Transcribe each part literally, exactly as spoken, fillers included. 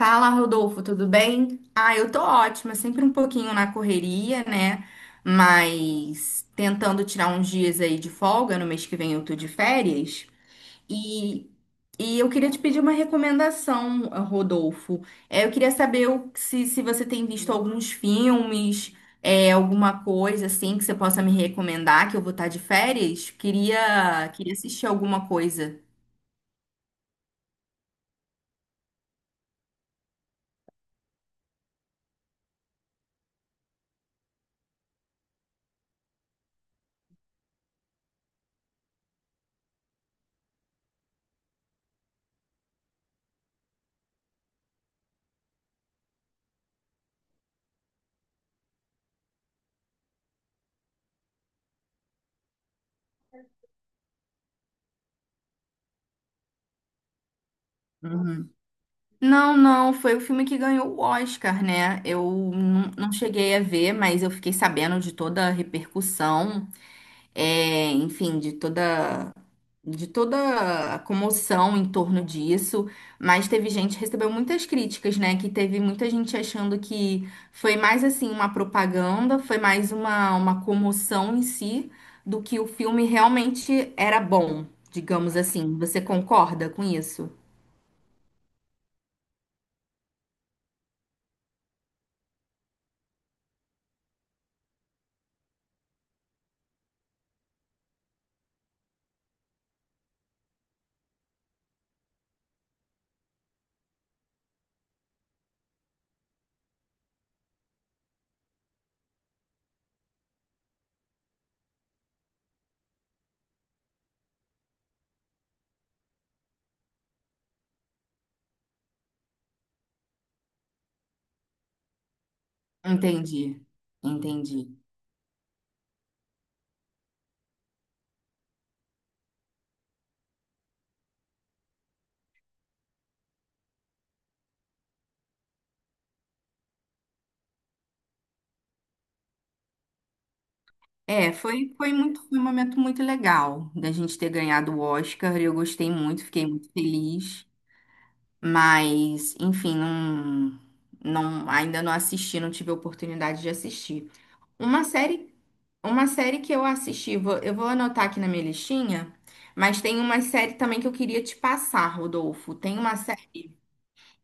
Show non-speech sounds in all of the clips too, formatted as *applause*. Fala, Rodolfo, tudo bem? Ah, eu tô ótima, sempre um pouquinho na correria, né? Mas tentando tirar uns dias aí de folga, no mês que vem eu tô de férias. E, e eu queria te pedir uma recomendação, Rodolfo. É, eu queria saber o- se, se você tem visto alguns filmes, é, alguma coisa assim que você possa me recomendar, que eu vou estar de férias. Queria, queria assistir alguma coisa. Não, não, foi o filme que ganhou o Oscar, né? Eu não não cheguei a ver, mas eu fiquei sabendo de toda a repercussão, é, enfim, de toda, de toda a comoção em torno disso. Mas teve gente que recebeu muitas críticas, né? Que teve muita gente achando que foi mais assim uma propaganda, foi mais uma, uma comoção em si, do que o filme realmente era bom, digamos assim. Você concorda com isso? Entendi, entendi. É, foi, foi muito, foi um momento muito legal da gente ter ganhado o Oscar. Eu gostei muito, fiquei muito feliz. Mas, enfim, não, não, ainda não assisti, não tive a oportunidade de assistir. Uma série, uma série que eu assisti, vou- eu vou anotar aqui na minha listinha, mas tem uma série também que eu queria te passar, Rodolfo. Tem uma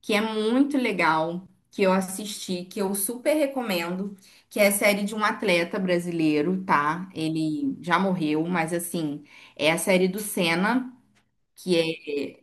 que é muito legal, que eu assisti, que eu super recomendo, que é a série de um atleta brasileiro, tá? Ele já morreu, mas assim, é a série do Senna, que é,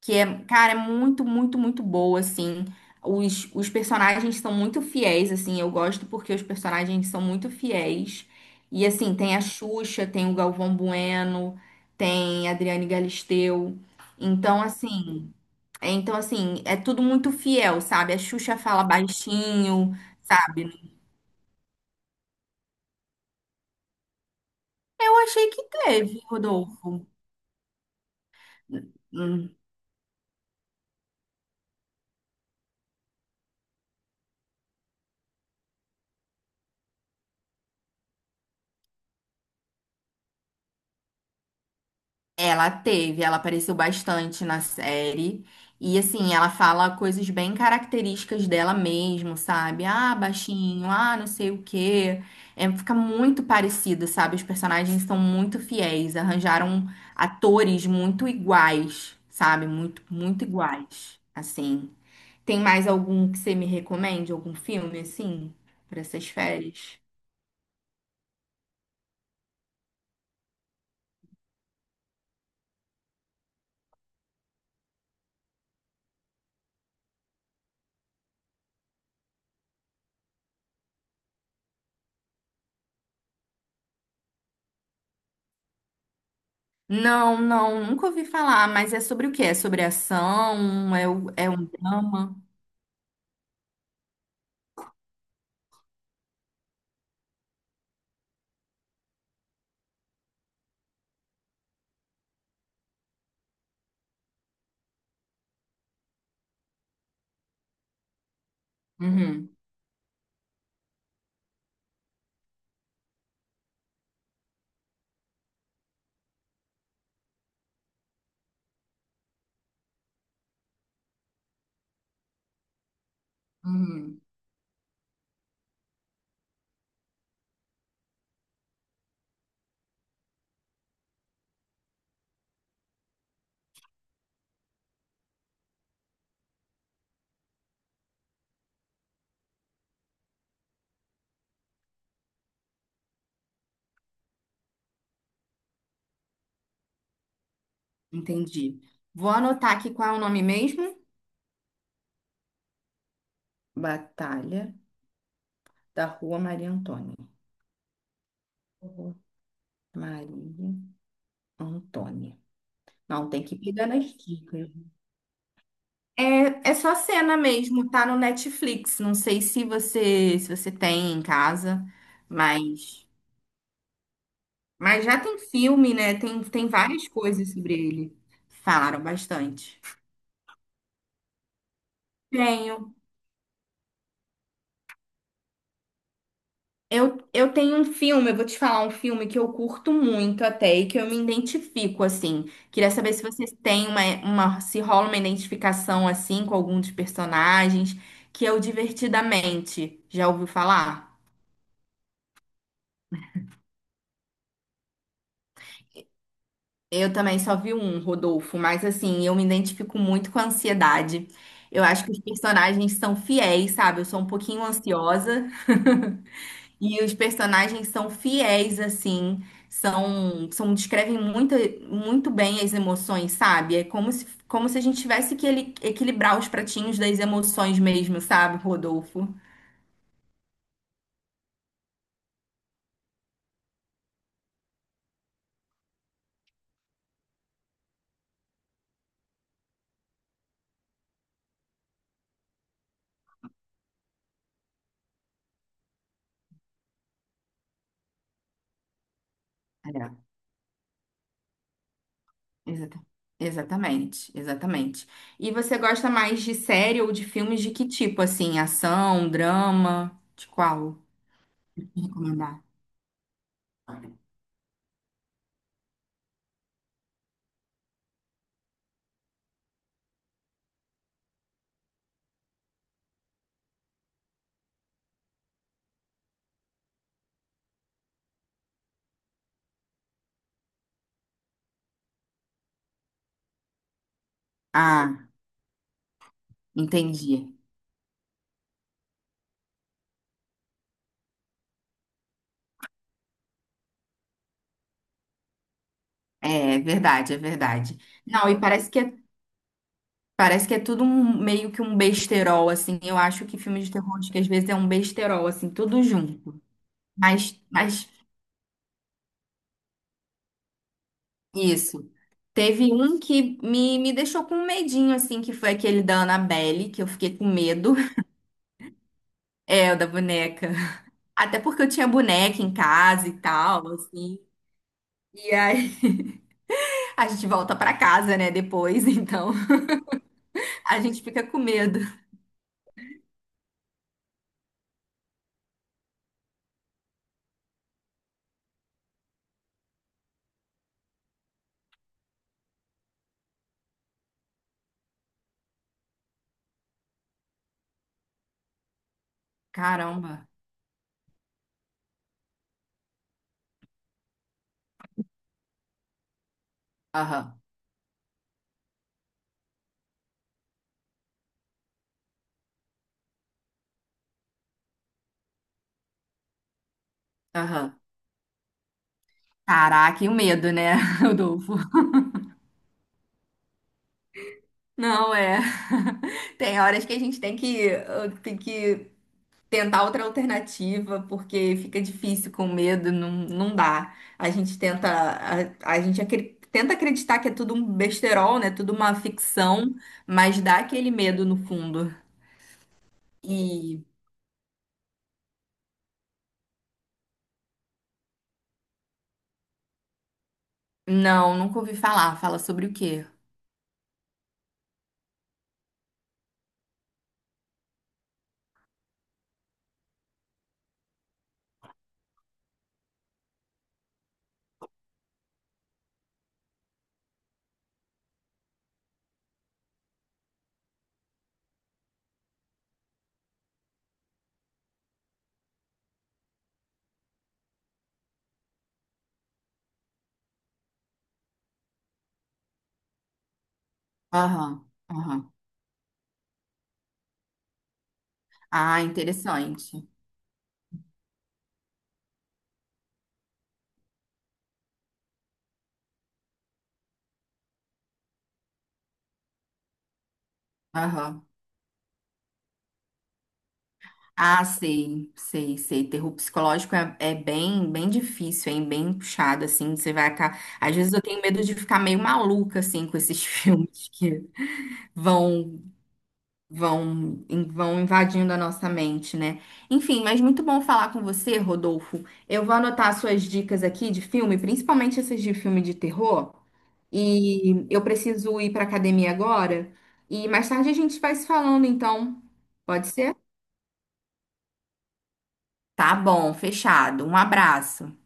que é, cara, é muito, muito, muito boa, assim. Os, os personagens são muito fiéis, assim, eu gosto porque os personagens são muito fiéis. E assim, tem a Xuxa, tem o Galvão Bueno, tem a Adriane Galisteu. Então, assim, é, Então, assim, é tudo muito fiel, sabe? A Xuxa fala baixinho, sabe? Eu achei que teve, Rodolfo. Hum. Ela teve, ela apareceu bastante na série. E assim, ela fala coisas bem características dela mesmo, sabe? Ah, baixinho, ah, não sei o quê. É, fica muito parecido, sabe? Os personagens são muito fiéis, arranjaram atores muito iguais, sabe? Muito, muito iguais, assim. Tem mais algum que você me recomende? Algum filme, assim, para essas férias? Não, não, nunca ouvi falar, mas é sobre o quê? É sobre ação? É, o- é um drama? Uhum, uhum, entendi. Vou anotar aqui qual é o nome mesmo? Batalha da Rua Maria Antônia. Rua Maria Antônia. Não, tem que pegar nas dicas. É, é só cena mesmo, tá no Netflix. Não sei se você se você tem em casa, mas mas já tem filme, né? Tem, tem várias coisas sobre ele. Falaram bastante. Tenho. Eu, eu tenho um filme, eu vou te falar um filme que eu curto muito até e que eu me identifico, assim. Queria saber se vocês têm uma, uma, se rola uma identificação, assim, com algum dos personagens, que é o Divertidamente. Já ouviu falar? Eu também só vi um, Rodolfo, mas assim, eu me identifico muito com a ansiedade. Eu acho que os personagens são fiéis, sabe? Eu sou um pouquinho ansiosa. *laughs* E os personagens são fiéis, assim, são, são descrevem muito, muito bem as emoções, sabe? É como se, como se a gente tivesse que ele- equilibrar os pratinhos das emoções mesmo, sabe, Rodolfo? É, exata- exatamente, exatamente. E você gosta mais de série ou de filmes de que tipo, assim, ação, drama, de qual? Recomendar. Ah, entendi. É, é verdade, é verdade. Não, e parece que é Parece que é tudo um- meio que um besterol, assim. Eu acho que filme de terror, acho que às vezes é um besterol, assim, tudo junto. Mas, mas isso. Teve um que me, me deixou com um medinho, assim, que foi aquele da Annabelle, que eu fiquei com medo. *laughs* É, o da boneca. Até porque eu tinha boneca em casa e tal, assim. E aí *laughs* a gente volta pra casa, né, depois, então *laughs* a gente fica com medo. Caramba. Aham, aham. Caraca, e o medo, né, *laughs* Rodolfo? Não é. *laughs* Tem horas que a gente tem que, eh, tem que tentar outra alternativa, porque fica difícil com medo, não, não dá. A gente tenta, a, a gente acre- tenta acreditar que é tudo um besterol, né? Tudo uma ficção, mas dá aquele medo no fundo. E não, nunca ouvi falar. Fala sobre o quê? Aham, aham. Ah, interessante. Aham. Ah, sei, sei, sei. Terror psicológico é, é bem, bem difícil, hein? Bem puxado, assim. Você vai acabar. Às vezes eu tenho medo de ficar meio maluca, assim, com esses *laughs* filmes que vão, vão, in- vão invadindo a nossa mente, né? Enfim, mas muito bom falar com você, Rodolfo. Eu vou anotar as suas dicas aqui de filme, principalmente essas de filme de terror. E eu preciso ir para academia agora. E mais tarde a gente vai se falando, então. Pode ser? Tá bom, fechado. Um abraço.